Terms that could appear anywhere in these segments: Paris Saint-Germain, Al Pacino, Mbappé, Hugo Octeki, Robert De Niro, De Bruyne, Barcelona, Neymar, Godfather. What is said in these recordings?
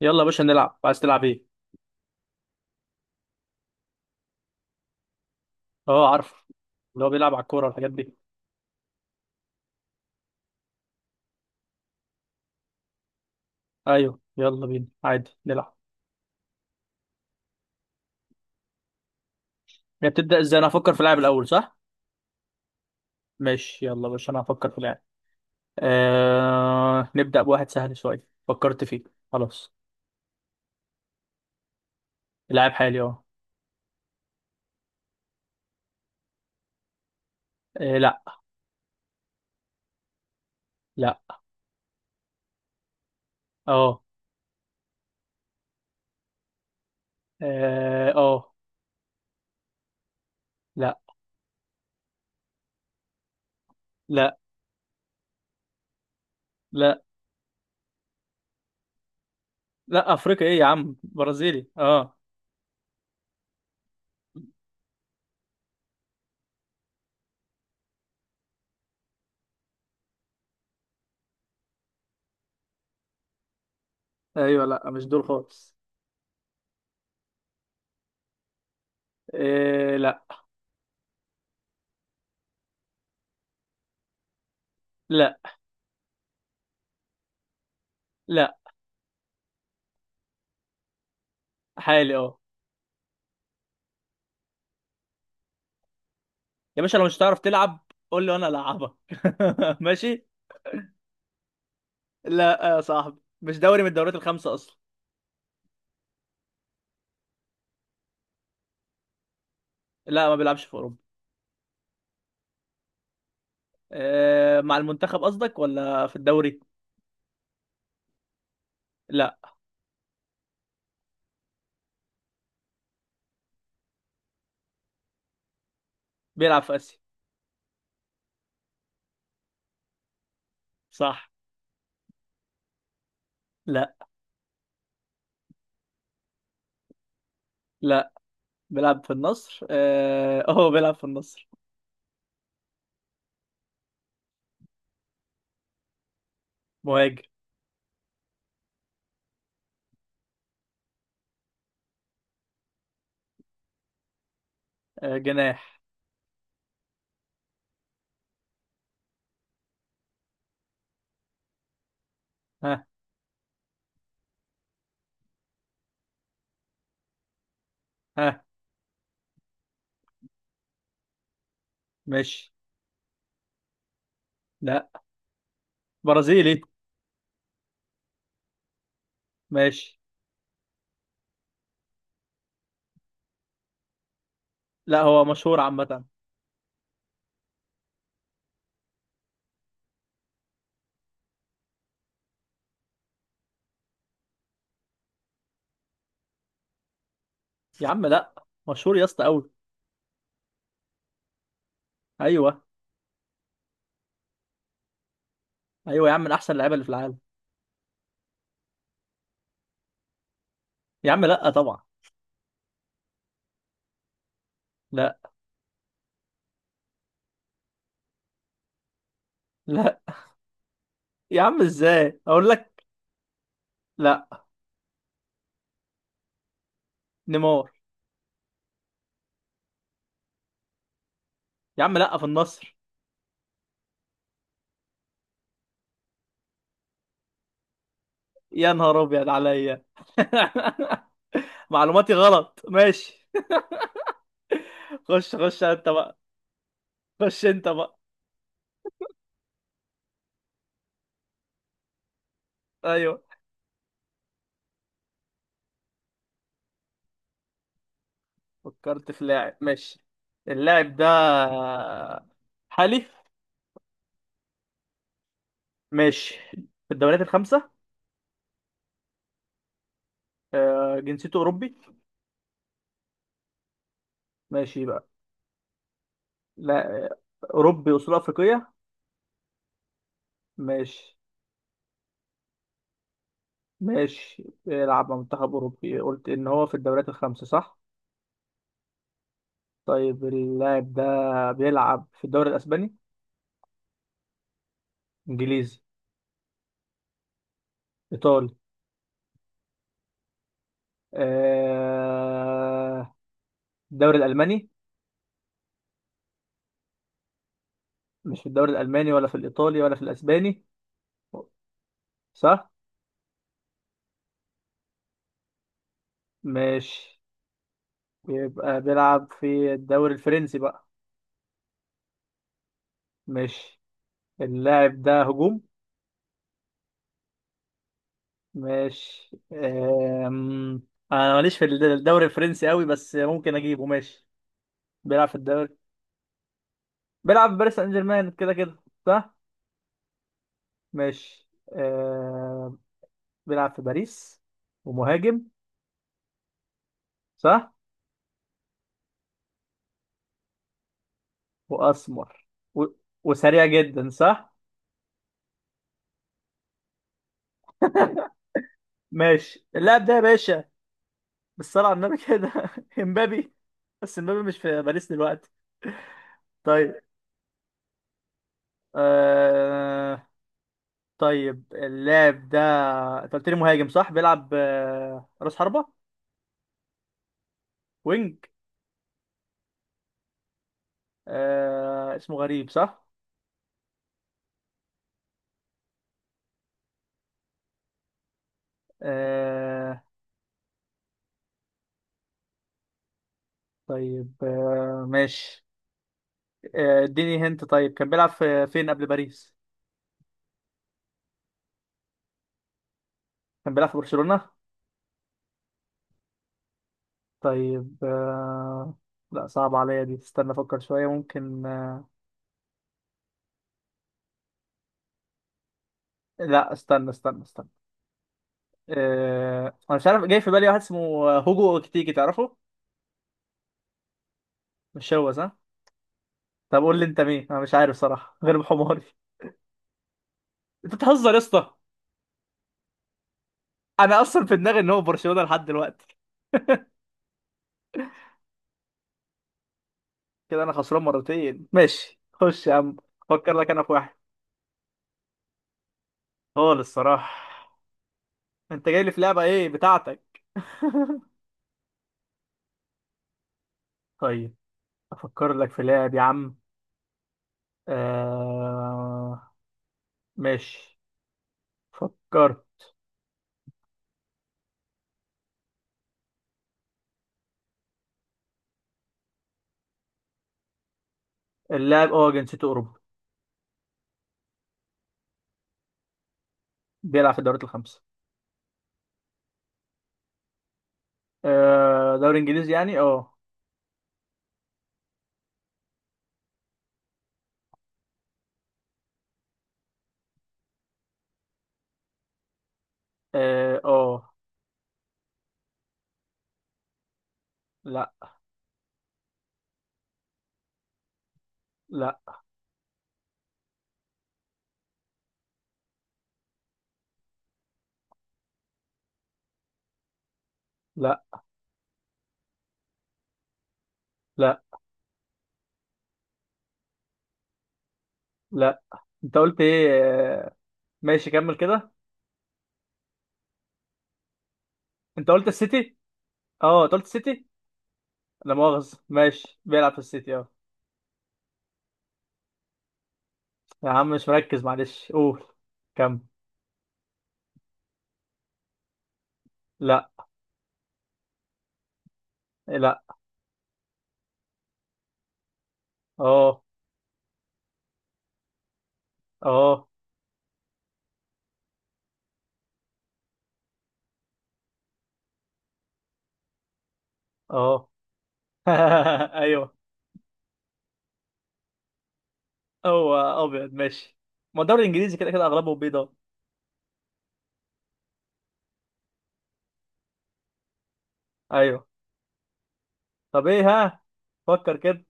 يلا يا باشا، نلعب. عايز تلعب ايه؟ اه، عارف. اللي هو بيلعب على الكوره والحاجات دي. ايوه، يلا بينا، عادي نلعب. هي بتبدا ازاي؟ انا هفكر في لاعب الاول، صح؟ ماشي، يلا يا باشا، انا هفكر في لاعب. نبدا بواحد سهل شويه، فكرت فيه. خلاص. لاعب حالي، اه. لا. لا. اه. اه، آه. لا. لا. لا. لا، افريقيا ايه يا عم، برازيلي اه. ايوه، لا، مش دول خالص. لا. لا. لا. حالي، اه. يا باشا، لو مش هتعرف تلعب، قول لي وانا العبك. ماشي. لا يا صاحبي، مش دوري من الدوريات الخمسه اصلا. لا، ما بيلعبش في اوروبا. مع المنتخب قصدك ولا في الدوري؟ لا. بيلعب في اسيا، صح؟ لا. لا، بيلعب في النصر اه، هو بيلعب في النصر. مهاجم. جناح. ها. ها. ماشي. لا، برازيلي. ماشي. لا، هو مشهور عامه. يا عم، لا. مشهور يا اسطى، قوي. ايوه. ايوه يا عم، من احسن اللعيبه اللي في العالم. يا عم، لا طبعا. لا. لا. يا عم، ازاي اقول لك؟ لا. نيمار. يا عم، لا، في النصر. يا نهار ابيض عليا! معلوماتي غلط، ماشي. خش خش انت بقى. خش انت بقى. ايوه. فكرت في لاعب، ماشي. اللاعب ده، حالي. ماشي. في الدوريات الخمسة. جنسيته أوروبي. ماشي بقى. لا. أوروبي وصول أفريقية. ماشي. ماشي، بيلعب مع منتخب أوروبي، قلت إن هو في الدوريات الخمسة، صح؟ طيب، اللاعب ده بيلعب في الدوري الاسباني؟ انجليزي؟ ايطالي؟ آه... الدوري الالماني؟ مش في الدوري الالماني ولا في الايطالي ولا في الاسباني، صح؟ مش. يبقى بيلعب في الدوري الفرنسي بقى. مش. اللاعب ده هجوم؟ مش. انا ماليش في الدوري الفرنسي قوي، بس ممكن اجيبه، ماشي. بيلعب في الدوري. بيلعب في باريس سان جيرمان كده كده، صح؟ مش. بيلعب في باريس ومهاجم، صح؟ واسمر. و... وسريع جدا، صح؟ ماشي، اللاعب ده يا باشا، بالصلاة على النبي كده امبابي. بس امبابي مش في باريس دلوقتي. طيب. آه... طيب، اللاعب ده، انت قلت لي مهاجم، صح؟ بيلعب راس حربة؟ وينج؟ اسمه غريب، صح؟ آه... طيب ماشي. اديني هنت، طيب كان بيلعب في فين قبل باريس؟ كان بيلعب في برشلونة. طيب لا، صعب عليا دي، استنى افكر شوية ممكن لا، استنى استنى استنى. انا مش عارف، جاي في بالي واحد اسمه هوجو اوكتيكي، تعرفه؟ مش هو صح؟ طب قول لي انت مين، انا مش عارف صراحة غير بحماري. انت بتهزر يا اسطى؟ انا اصلا في دماغي ان هو برشلونة لحد دلوقتي. كده انا خسران مرتين، ماشي، خش يا عم. فكر لك انا في واحد. خالص الصراحة. انت جاي لي في لعبة ايه بتاعتك؟ طيب. افكر لك في لعب يا عم. آه... ماشي. فكر. اللاعب، اه، جنسيته اوروبي. بيلعب في الدوريات الخمسة. آه، دوري انجليزي يعني، اه. اه، آه. لا. لا. لا. لا. لا. انت قلت ايه؟ ماشي، كمل كده. انت قلت السيتي. اه، انت قلت السيتي. لا مؤاخذة، ماشي، بيلعب في السيتي، اه. يا عم مش مركز، معلش، قول. كمل. لا. لا. اه. اه. اه. ايوه. هو ابيض، ماشي. ما الدوري الانجليزي كده كده اغلبه بيضاء. ايوه. طب ايه؟ ها. فكر كده.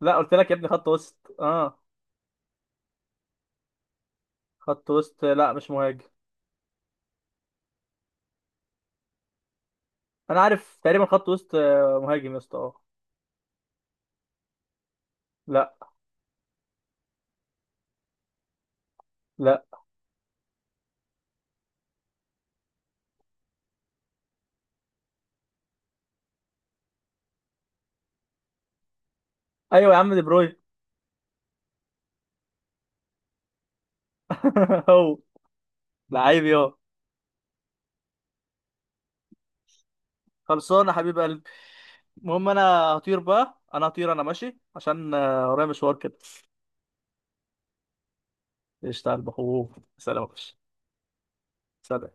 لا، قلت لك يا ابني، خط وسط، اه. خط وسط، لا، مش مهاجم. انا عارف تقريبا خط وسط، مهاجم يا اسطى، اه. لا. لا. ايوه يا عم، دي بروين. هو. لعيب يا، خلصان يا حبيب قلبي. المهم انا، هطير بقى، انا هطير، انا ماشي عشان ورايا مشوار كده. اشتغل بخوف. سلام يا باشا. سلام.